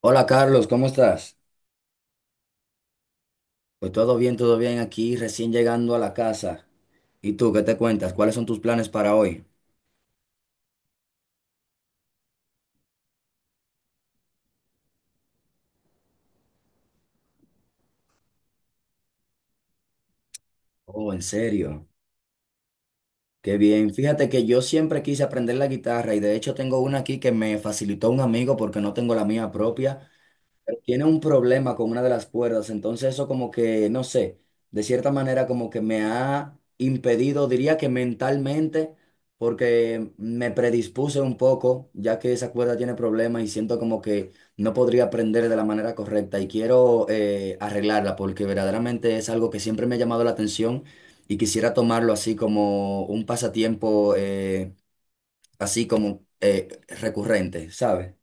Hola Carlos, ¿cómo estás? Pues todo bien aquí, recién llegando a la casa. ¿Y tú qué te cuentas? ¿Cuáles son tus planes para hoy? Oh, en serio. Qué bien. Fíjate que yo siempre quise aprender la guitarra y de hecho tengo una aquí que me facilitó un amigo porque no tengo la mía propia. Tiene un problema con una de las cuerdas, entonces eso como que, no sé, de cierta manera como que me ha impedido, diría que mentalmente, porque me predispuse un poco, ya que esa cuerda tiene problemas y siento como que no podría aprender de la manera correcta y quiero arreglarla, porque verdaderamente es algo que siempre me ha llamado la atención y quisiera tomarlo así como un pasatiempo, así como recurrente, ¿sabes?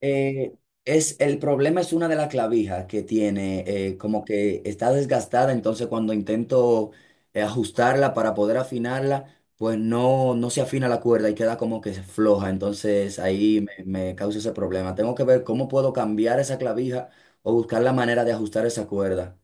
Eh, el problema es una de las clavijas que tiene, como que está desgastada, entonces cuando intento ajustarla para poder afinarla, pues no, no se afina la cuerda y queda como que floja, entonces ahí me causa ese problema. Tengo que ver cómo puedo cambiar esa clavija o buscar la manera de ajustar esa cuerda.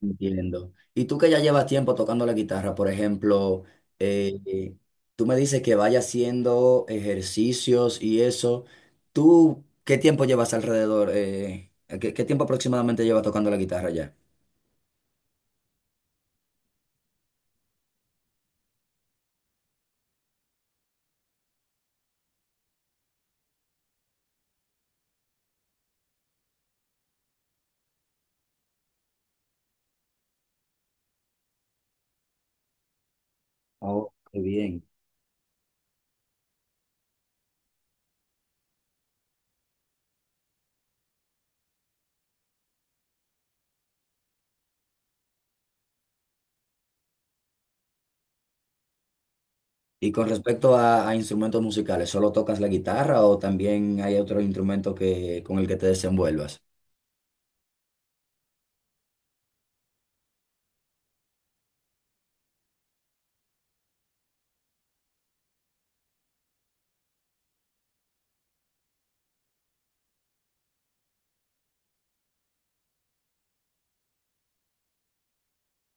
Entiendo. Y tú que ya llevas tiempo tocando la guitarra, por ejemplo, eh, eh, tú me dices que vaya haciendo ejercicios y eso. ¿Tú qué tiempo llevas alrededor? ¿Qué tiempo aproximadamente llevas tocando la guitarra ya? Oh, qué bien. Y con respecto a instrumentos musicales, ¿solo tocas la guitarra o también hay otro instrumento con el que te desenvuelvas?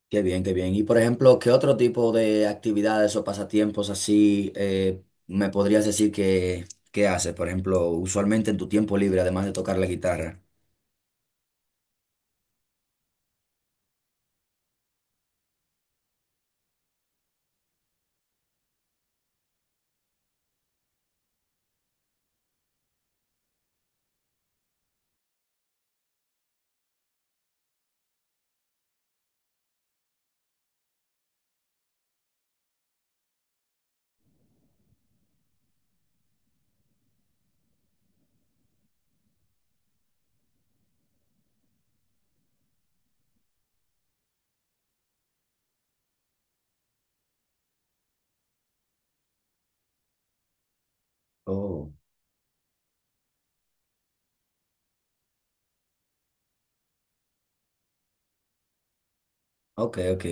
Qué bien, qué bien. Y por ejemplo, ¿qué otro tipo de actividades o pasatiempos así me podrías decir que haces? Por ejemplo, usualmente en tu tiempo libre, además de tocar la guitarra. Oh, ok, ok.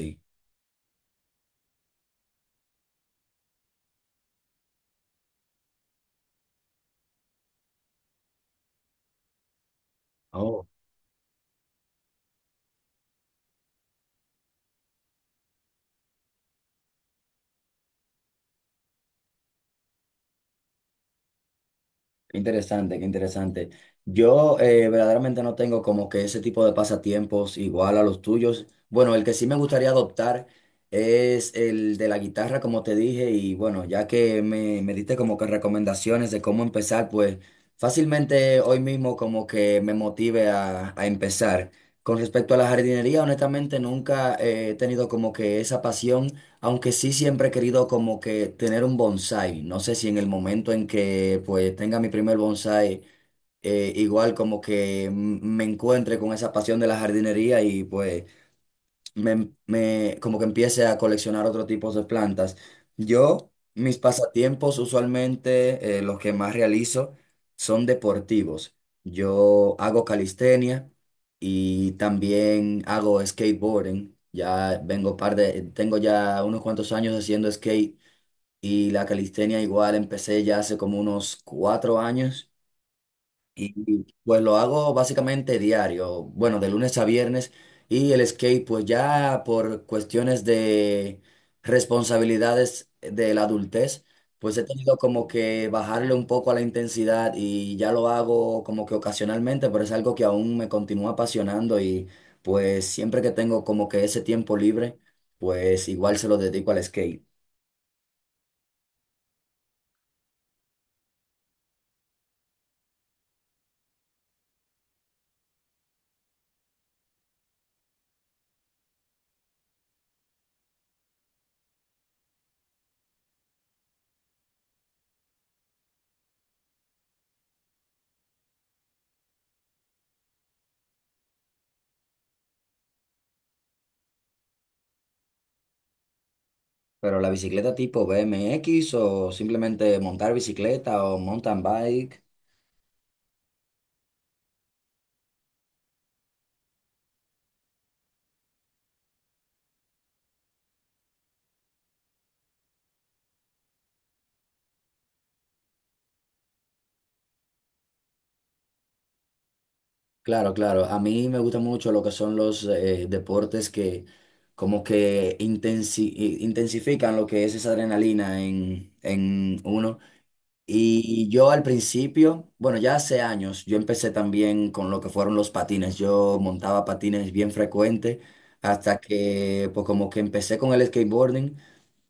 Oh. Qué interesante, qué interesante. Yo verdaderamente no tengo como que ese tipo de pasatiempos igual a los tuyos. Bueno, el que sí me gustaría adoptar es el de la guitarra, como te dije, y bueno, ya que me diste como que recomendaciones de cómo empezar, pues fácilmente hoy mismo como que me motive a empezar. Con respecto a la jardinería, honestamente nunca he tenido como que esa pasión. Aunque sí siempre he querido como que tener un bonsai. No sé si en el momento en que pues tenga mi primer bonsai, igual como que me encuentre con esa pasión de la jardinería y pues como que empiece a coleccionar otro tipo de plantas. Yo, mis pasatiempos usualmente, los que más realizo, son deportivos. Yo hago calistenia y también hago skateboarding. Ya vengo tengo ya unos cuantos años haciendo skate y la calistenia igual empecé ya hace como unos 4 años. Y pues lo hago básicamente diario, bueno, de lunes a viernes. Y el skate, pues ya por cuestiones de responsabilidades de la adultez, pues he tenido como que bajarle un poco a la intensidad y ya lo hago como que ocasionalmente, pero es algo que aún me continúa apasionando y pues siempre que tengo como que ese tiempo libre, pues igual se lo dedico al skate. Pero la bicicleta tipo BMX o simplemente montar bicicleta o mountain bike. Claro, claro. A mí me gusta mucho lo que son los deportes que como que intensifican lo que es esa adrenalina en uno. Y yo al principio, bueno, ya hace años, yo empecé también con lo que fueron los patines. Yo montaba patines bien frecuente hasta que pues como que empecé con el skateboarding.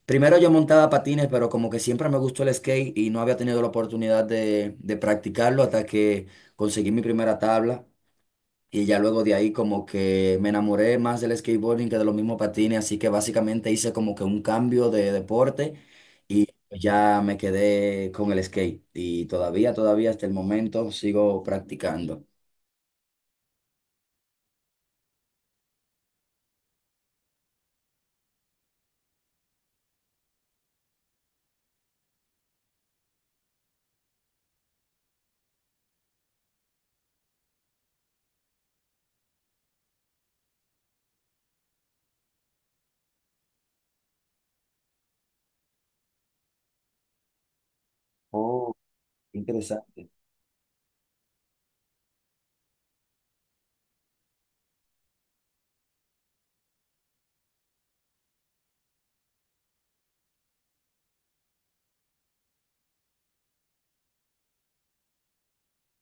Primero yo montaba patines, pero como que siempre me gustó el skate y no había tenido la oportunidad de practicarlo hasta que conseguí mi primera tabla. Y ya luego de ahí como que me enamoré más del skateboarding que de los mismos patines, así que básicamente hice como que un cambio de deporte y ya me quedé con el skate. Y todavía, todavía hasta el momento sigo practicando. Oh, qué interesante.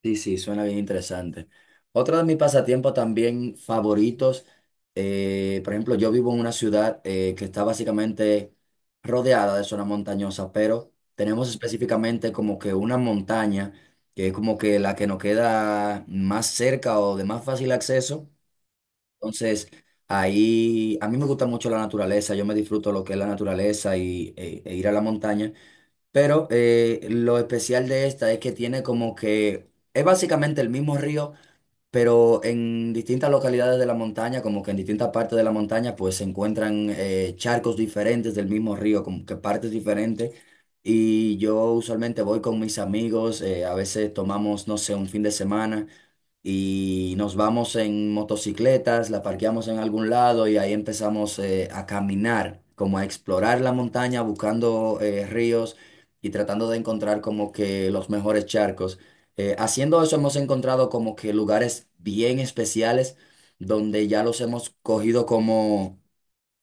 Sí, sí, suena bien interesante. Otro de mis pasatiempos también favoritos, por ejemplo, yo vivo en una ciudad que está básicamente rodeada de zona montañosa, pero tenemos específicamente como que una montaña que es como que la que nos queda más cerca o de más fácil acceso. Entonces, ahí a mí me gusta mucho la naturaleza, yo me disfruto lo que es la naturaleza e ir a la montaña. Pero lo especial de esta es que tiene como que es básicamente el mismo río, pero en distintas localidades de la montaña, como que en distintas partes de la montaña, pues se encuentran charcos diferentes del mismo río, como que partes diferentes. Y yo usualmente voy con mis amigos, a veces tomamos, no sé, un fin de semana y nos vamos en motocicletas, la parqueamos en algún lado y ahí empezamos a caminar, como a explorar la montaña, buscando ríos y tratando de encontrar como que los mejores charcos. Haciendo eso hemos encontrado como que lugares bien especiales donde ya los hemos cogido como,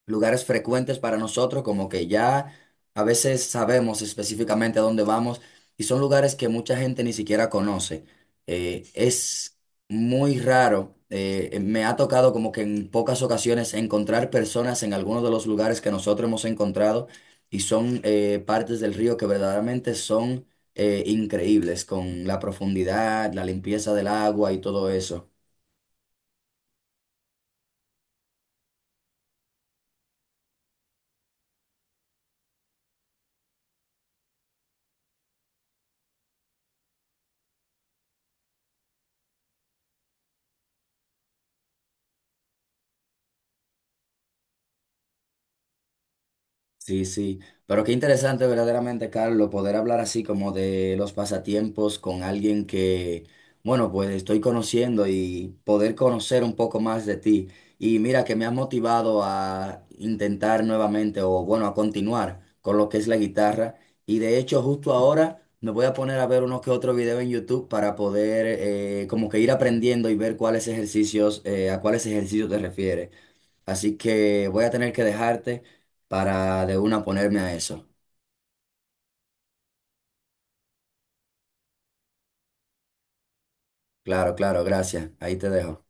lugares frecuentes para nosotros, como que ya a veces sabemos específicamente a dónde vamos y son lugares que mucha gente ni siquiera conoce. Es muy raro, me ha tocado como que en pocas ocasiones encontrar personas en algunos de los lugares que nosotros hemos encontrado y son partes del río que verdaderamente son increíbles con la profundidad, la limpieza del agua y todo eso. Sí, sí, pero qué interesante verdaderamente, Carlos, poder hablar así como de los pasatiempos con alguien que, bueno, pues estoy conociendo y poder conocer un poco más de ti. Y mira que me has motivado a intentar nuevamente o bueno, a continuar con lo que es la guitarra. Y de hecho, justo ahora me voy a poner a ver unos que otros videos en YouTube para poder como que ir aprendiendo y ver cuáles ejercicios, a cuáles ejercicios te refieres. Así que voy a tener que dejarte para de una ponerme a eso. Claro, claro, gracias. Ahí te dejo.